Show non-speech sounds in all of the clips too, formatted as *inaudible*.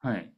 はい。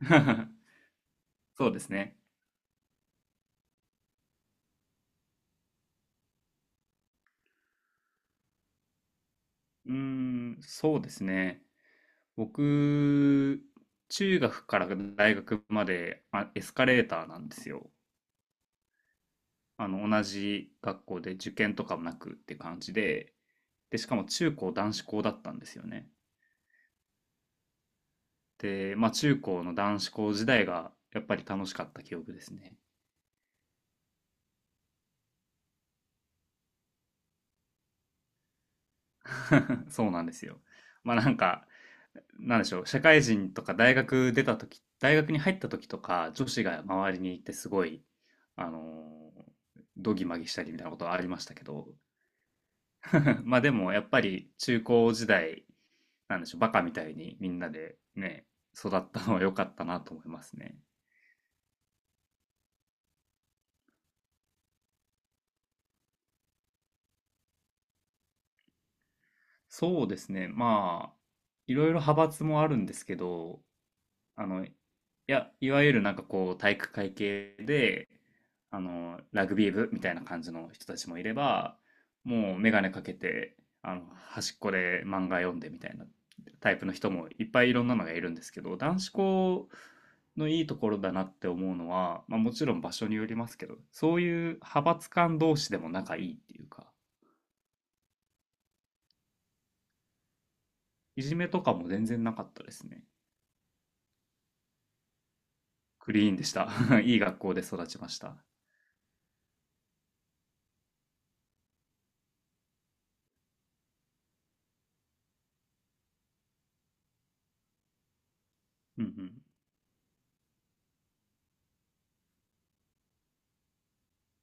*laughs* そうですね。うーん、そうですね。僕、中学から大学まで、まあ、エスカレーターなんですよ。同じ学校で受験とかもなくって感じで、で、しかも中高男子校だったんですよね。で、まあ中高の男子校時代がやっぱり楽しかった記憶ですね。*laughs* そうなんですよ。まあなんか、なんでしょう、社会人とか大学出た時、大学に入った時とか、女子が周りにいてすごい、あのー、どぎまぎしたりみたいなことはありましたけど、*laughs* まあでもやっぱり中高時代、なんでしょう、バカみたいにみんなでね、育ったのは良かったなと思いますね。そうですね、まあ、いろいろ派閥もあるんですけど、いや、いわゆるなんかこう、体育会系で、ラグビー部みたいな感じの人たちもいれば、もう眼鏡かけて、端っこで漫画読んでみたいなタイプの人もいっぱいいろんなのがいるんですけど、男子校のいいところだなって思うのは、まあもちろん場所によりますけど、そういう派閥間同士でも仲いいっていうか、いじめとかも全然なかったですね。クリーンでした。*laughs* いい学校で育ちました。うんうん。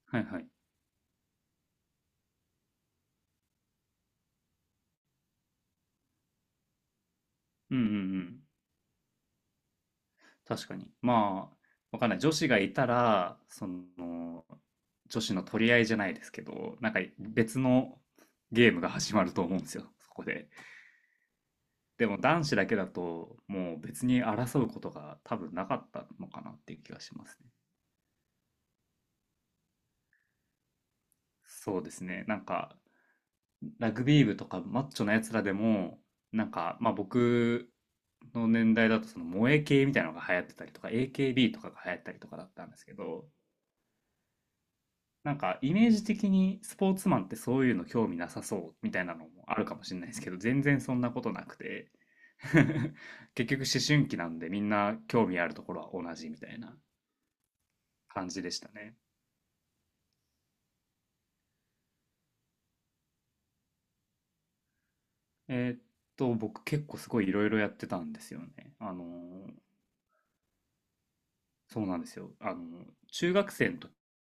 はいはい。うんうんうん。確かに。まあ、わかんない。女子がいたら、その、女子の取り合いじゃないですけど、なんか別のゲームが始まると思うんですよ、そこで。でも男子だけだと、もう別に争うことが多分なかったのかなっていう気がしますね。そうですね。なんか、ラグビー部とかマッチョなやつらでも、なんか、まあ僕の年代だと、その萌え系みたいなのが流行ってたりとか、AKB とかが流行ったりとかだったんですけど、なんかイメージ的にスポーツマンってそういうの興味なさそうみたいなのもあるかもしれないですけど、全然そんなことなくて *laughs* 結局思春期なんでみんな興味あるところは同じみたいな感じでしたね。えーっ僕結構すごいいろいろやってたんですよね。ー、そうなんですよ。中学生の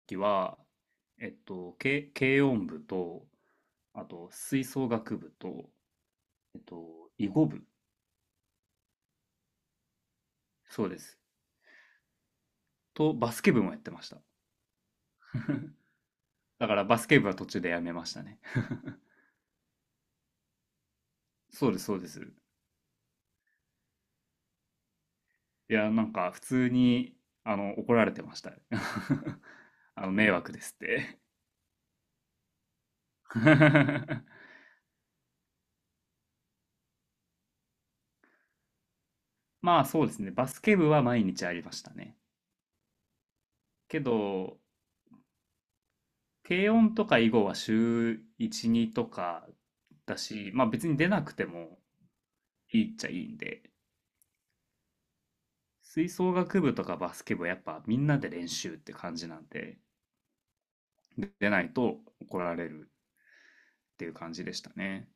時は、軽音部と、あと吹奏楽部と、囲碁部、そうです。と、バスケ部もやってました。*laughs* だからバスケ部は途中でやめましたね。*laughs* そうです、そうです。いや、なんか普通に、怒られてました。*laughs* 迷惑ですって。*laughs* まあそうですね、バスケ部は毎日ありましたね。けど、軽音とか囲碁は週1、2とかだし、まあ別に出なくてもいいっちゃいいんで、吹奏楽部とかバスケ部はやっぱみんなで練習って感じなんで、出ないと怒られるっていう感じでしたね。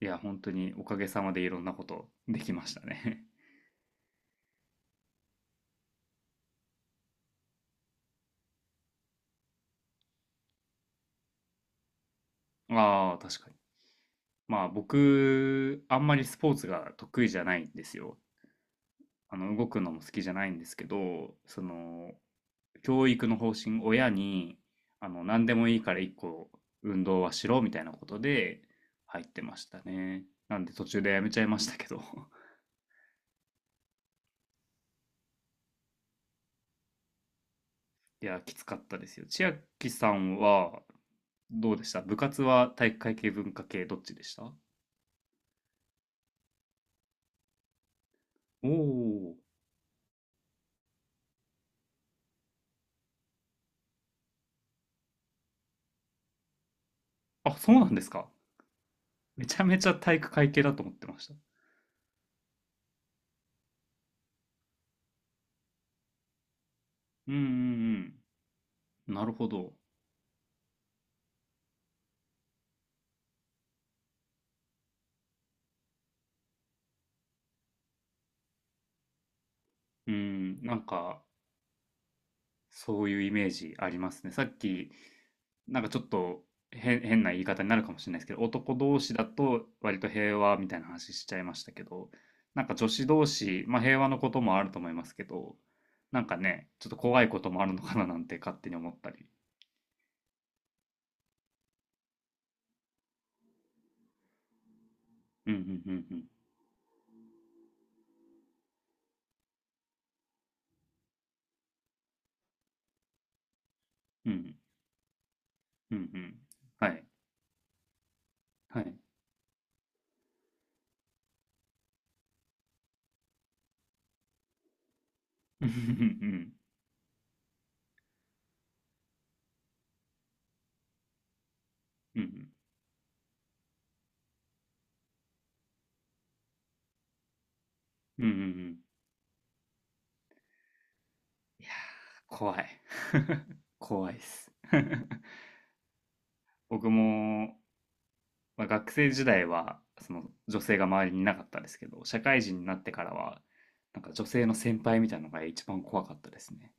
いや、本当におかげさまでいろんなことできましたね。*laughs* ああ、確かに。まあ僕、あんまりスポーツが得意じゃないんですよ。動くのも好きじゃないんですけど、教育の方針、親に、何でもいいから一個運動はしろみたいなことで入ってましたね。なんで途中でやめちゃいましたけど。*laughs* いや、きつかったですよ。千秋さんはどうでした？部活は体育会系、文化系、どっちでした？おおー。あ、そうなんですか。めちゃめちゃ体育会系だと思ってました。うんうんうん。なるほど。うん、なんか、そういうイメージありますね。さっき、なんかちょっと変な言い方になるかもしれないですけど、男同士だと割と平和みたいな話しちゃいましたけど、なんか女子同士、まあ平和のこともあると思いますけど、なんかね、ちょっと怖いこともあるのかななんて勝手に思ったり。うんうんうんうん。うんうんうん。はい。はい。うんうんうんうん。うんうんうんうんうん。いやー、怖い。*laughs* 怖いです。*laughs* 僕も、まあ、学生時代はその女性が周りにいなかったですけど、社会人になってからは、なんか女性の先輩みたいなのが一番怖かったですね。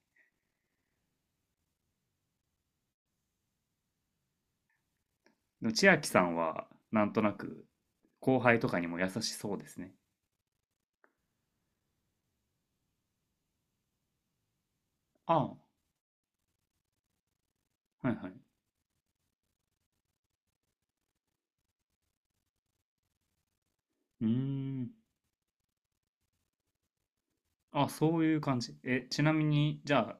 でも千秋さんは、なんとなく、後輩とかにも優しそうですね。ああ、はいはい。うーん。あ、そういう感じ。え、ちなみに、じゃあ、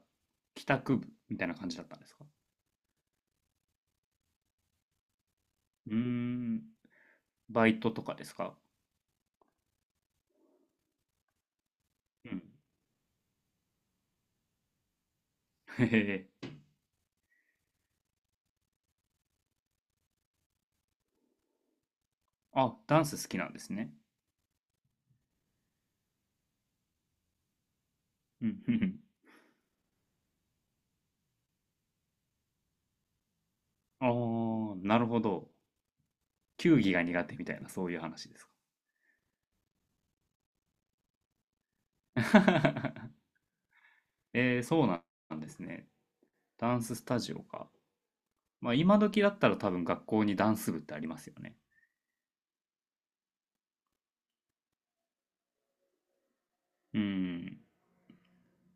帰宅部みたいな感じだったんですか？うーん。バイトとかですか？うん。へへあ、ダンス好きなんですね。うん、うんうん。ああ、なるほど。球技が苦手みたいな、そういう話ですか？*laughs* えー、そうなんですね。ダンススタジオか。まあ、今時だったら多分学校にダンス部ってありますよね。うん。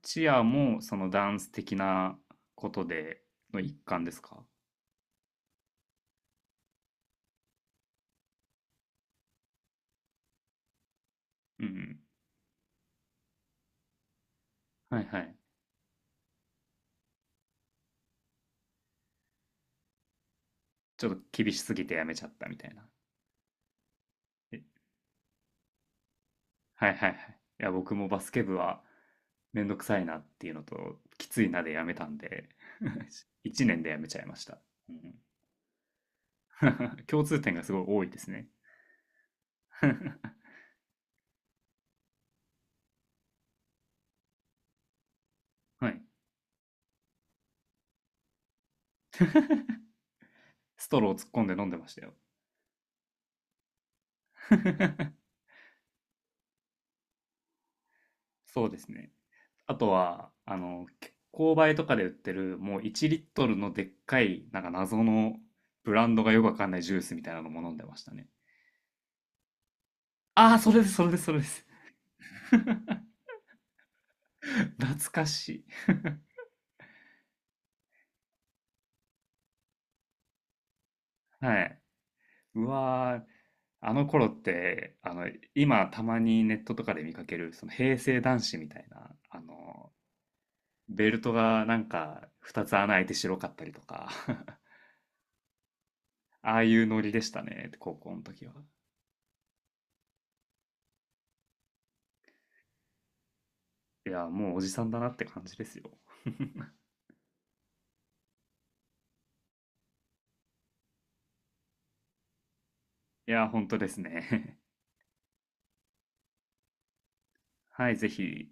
チアもそのダンス的なことでの一環ですか？うん。はいはい。ちょっと厳しすぎてやめちゃったみたいな。え、はいはいはい。いや、僕もバスケ部はめんどくさいなっていうのと、きついなでやめたんで、*laughs* 1年でやめちゃいました。うん *laughs* 共通点がすごい多いですね。*laughs* はい。ストロー突っ込んで飲んでましたよ。*laughs* そうですね。あとは、購買とかで売ってる、もう1リットルのでっかい、なんか謎のブランドがよくわかんないジュースみたいなのも飲んでましたね。ああ、それです、それです、それです。*laughs* 懐かしい。はい。うわー、あの頃って、今たまにネットとかで見かける、その平成男子みたいな、ベルトがなんか2つ穴開いて白かったりとか、*laughs* ああいうノリでしたね、高校の時は。いや、もうおじさんだなって感じですよ。いや、本当ですね。*laughs* はい、ぜひ。